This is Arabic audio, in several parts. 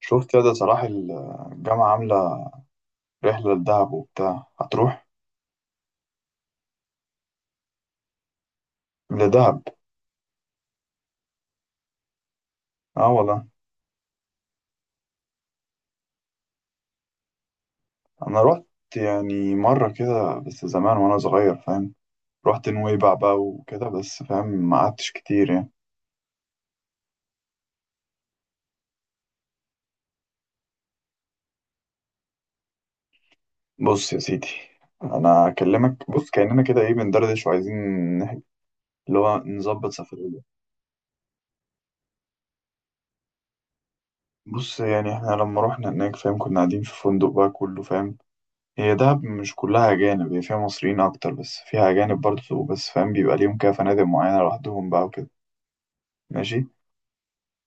شفت يا ده صلاح الجامعة عاملة رحلة لدهب وبتاع، هتروح لدهب؟ اه والله. أنا رحت، يعني مرة كده بس زمان وأنا صغير، فاهم. رحت نويبع بقى وكده، بس فاهم ما قعدتش كتير يعني. بص يا سيدي، أنا أكلمك بص كأننا كده إيه بندردش وعايزين نح- اللي هو نظبط سفرية. بص يعني إحنا لما رحنا هناك فاهم، كنا قاعدين في فندق بقى كله فاهم. هي دهب مش كلها أجانب، هي فيها مصريين أكتر بس فيها أجانب برضه، بس فاهم بيبقى ليهم كده فنادق معينة لوحدهم بقى وكده. ماشي.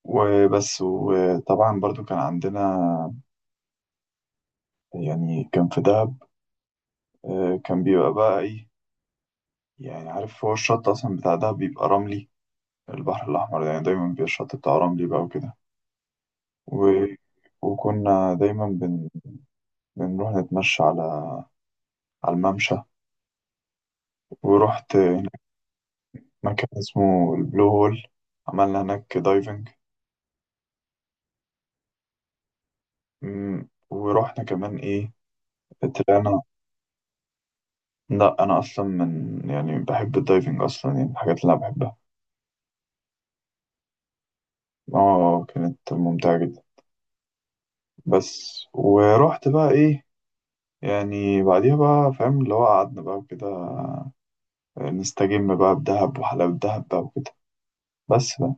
وبس، وطبعا برضو كان عندنا، يعني كان في دهب، كان بيبقى بقى إيه، يعني عارف هو الشط أصلا بتاع دهب بيبقى رملي. البحر الأحمر يعني دايما بيبقى الشط بتاعه رملي بقى وكده. و... وكنا دايما بنروح نتمشى على الممشى. ورحت مكان اسمه البلو هول، عملنا هناك دايفنج. مم. ورحنا كمان ايه، طلعنا. لا انا اصلا من يعني بحب الدايفنج اصلا، يعني من الحاجات اللي انا بحبها. اه كانت ممتعة جدا. بس ورحت بقى ايه، يعني بعديها بقى فاهم اللي هو قعدنا بقى وكده نستجم بقى بدهب وحلاوة دهب بقى وكده، بس بقى.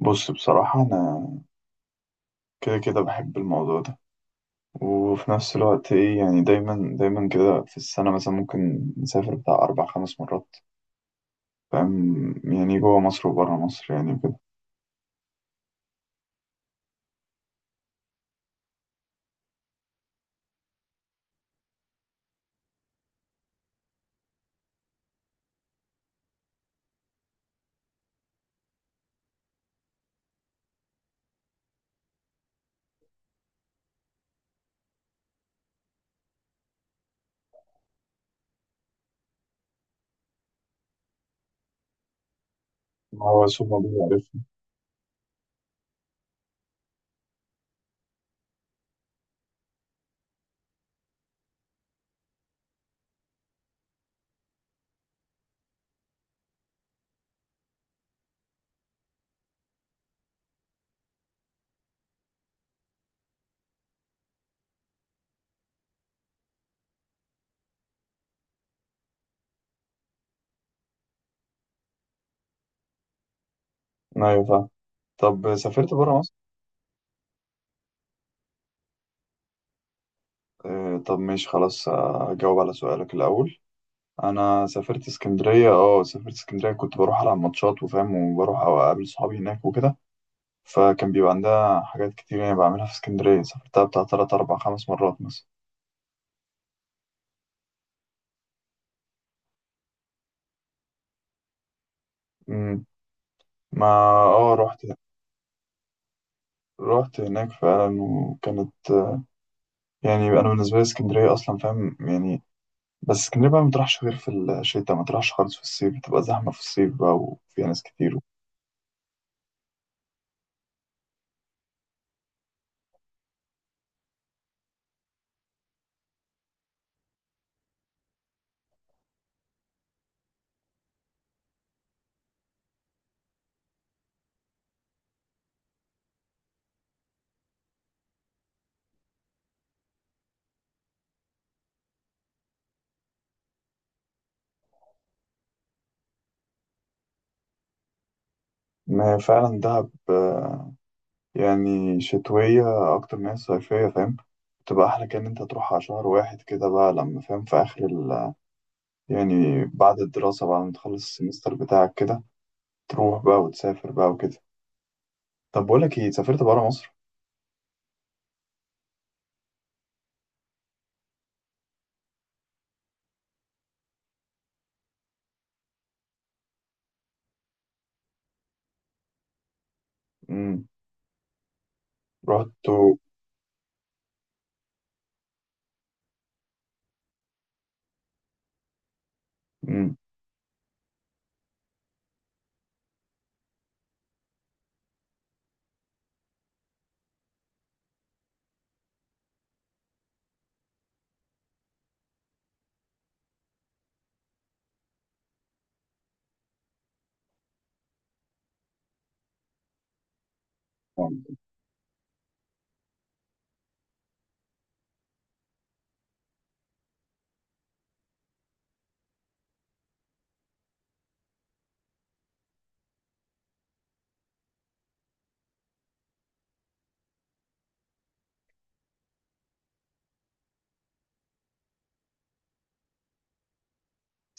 بص بصراحة أنا كده كده بحب الموضوع ده، وفي نفس الوقت إيه يعني دايما دايما كده في السنة مثلا ممكن نسافر بتاع أربع خمس مرات، فاهم، يعني جوه مصر وبره مصر يعني وكده. ما هو سوق موجود، عارف. ايوه فاهم. طب سافرت بره مصر؟ آه، طب ماشي خلاص، اجاوب على سؤالك الاول. انا سافرت اسكندريه، اه سافرت اسكندريه، كنت بروح العب ماتشات وفاهم وبروح أو اقابل صحابي هناك وكده. فكان بيبقى عندها حاجات كتير يعني بعملها في اسكندريه، سافرتها بتاع تلات اربع خمس مرات مثلا. امم ما اه رحت هناك فعلا وكانت، يعني انا بالنسبه لي اسكندريه اصلا فاهم يعني. بس اسكندرية بقى ما تروحش غير في الشتاء، ما تروحش خالص في الصيف، بتبقى زحمة في الصيف بقى وفيها ناس كتير. ما فعلا دهب، يعني شتوية أكتر من هي صيفية، فاهم. بتبقى أحلى كأن أنت تروحها شهر واحد كده بقى، لما فاهم في آخر ال، يعني بعد الدراسة بعد ما تخلص السمستر بتاعك كده، تروح بقى وتسافر بقى وكده. طب بقولك إيه، سافرت برا مصر؟ امم رحت. امم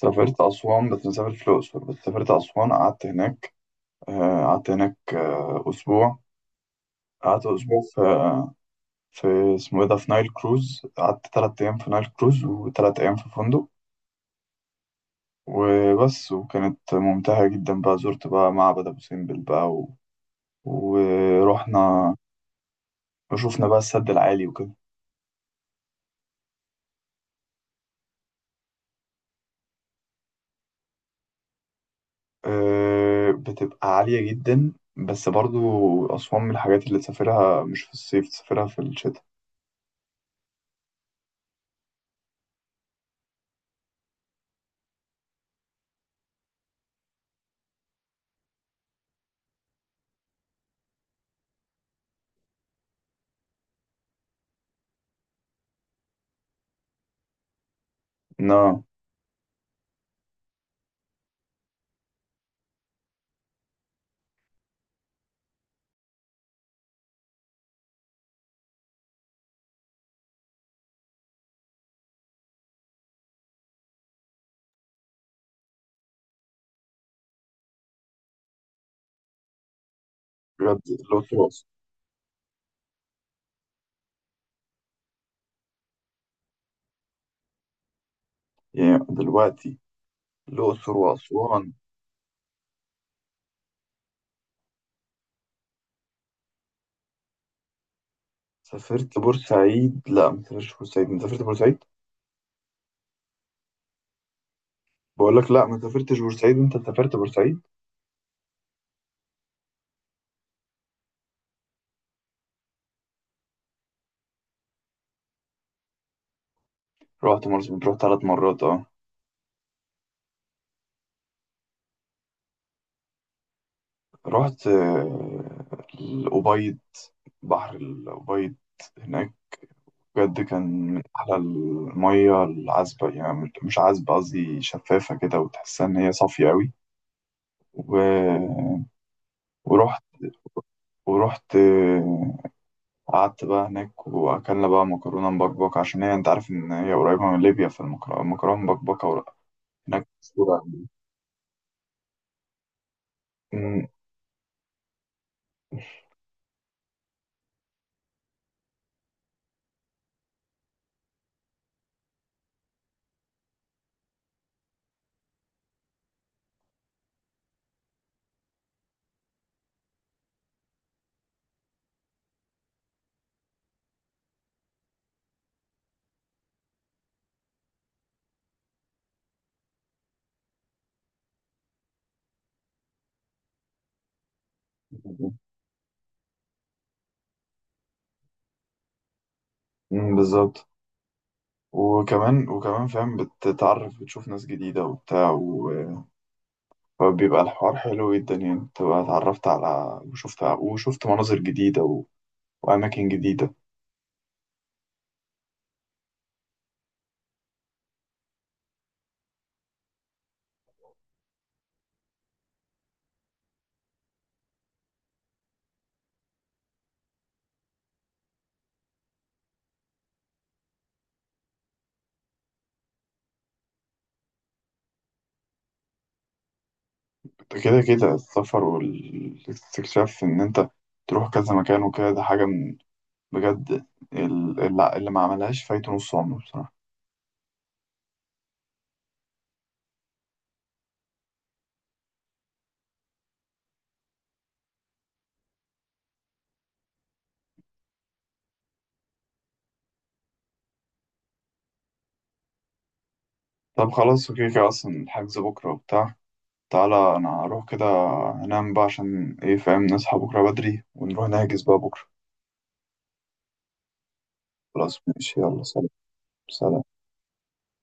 سافرت أسوان بس مسافر في الأقصر، بس سافرت أسوان قعدت هناك، قعدت هناك أسبوع. قعدت أسبوع في اسمه إيه ده في نايل كروز، قعدت تلات أيام في نايل كروز وتلات أيام في فندق، وبس. وكانت ممتعة جدا بقى، زرت بقى معبد أبو سمبل بقى، ورحنا وشوفنا بقى السد العالي وكده. أه بتبقى عالية جدا، بس برضو أسوان من الحاجات اللي تسافرها مش في الصيف، تسافرها في الشتاء. لا بجد الأقصر وأسوان، يعني دلوقتي الأقصر وأسوان. سافرت بورسعيد، لا ما سافرتش بورسعيد، أنت سافرت بورسعيد؟ بقول لك لا ما سافرتش بورسعيد، انت سافرت بورسعيد. رحت مرسى مطروح ثلاث مرات اه. رحت الأبيض، بحر الأبيض هناك، بجد كان من أحلى المية العذبة، يعني مش عذبة قصدي شفافة كده وتحسها إن هي صافية أوي. و... ورحت ورحت قعدت بقى هناك وأكلنا بقى مكرونة مبكبكة، عشان هي أنت عارف إن هي قريبة من ليبيا فالمكرونة مبكبكة هناك مشهورة أوي. مم، مم، بالظبط. وكمان فاهم بتتعرف بتشوف ناس جديدة وبتاع فبيبقى الحوار حلو جدا، يعني بتبقى اتعرفت على وشفت مناظر جديدة وأماكن جديدة. كده كده السفر والاستكشاف إن أنت تروح كذا مكان وكده، ده حاجة من بجد اللي ما عملهاش فايته نص عمره بصراحة. طب خلاص اوكي كده، أصلا الحجز بكرة وبتاع، تعالى أنا هروح كده أنام بقى عشان إيه فاهم نصحى بكرة بدري ونروح نحجز بقى بكرة. خلاص ماشي يلا سلام. سلام.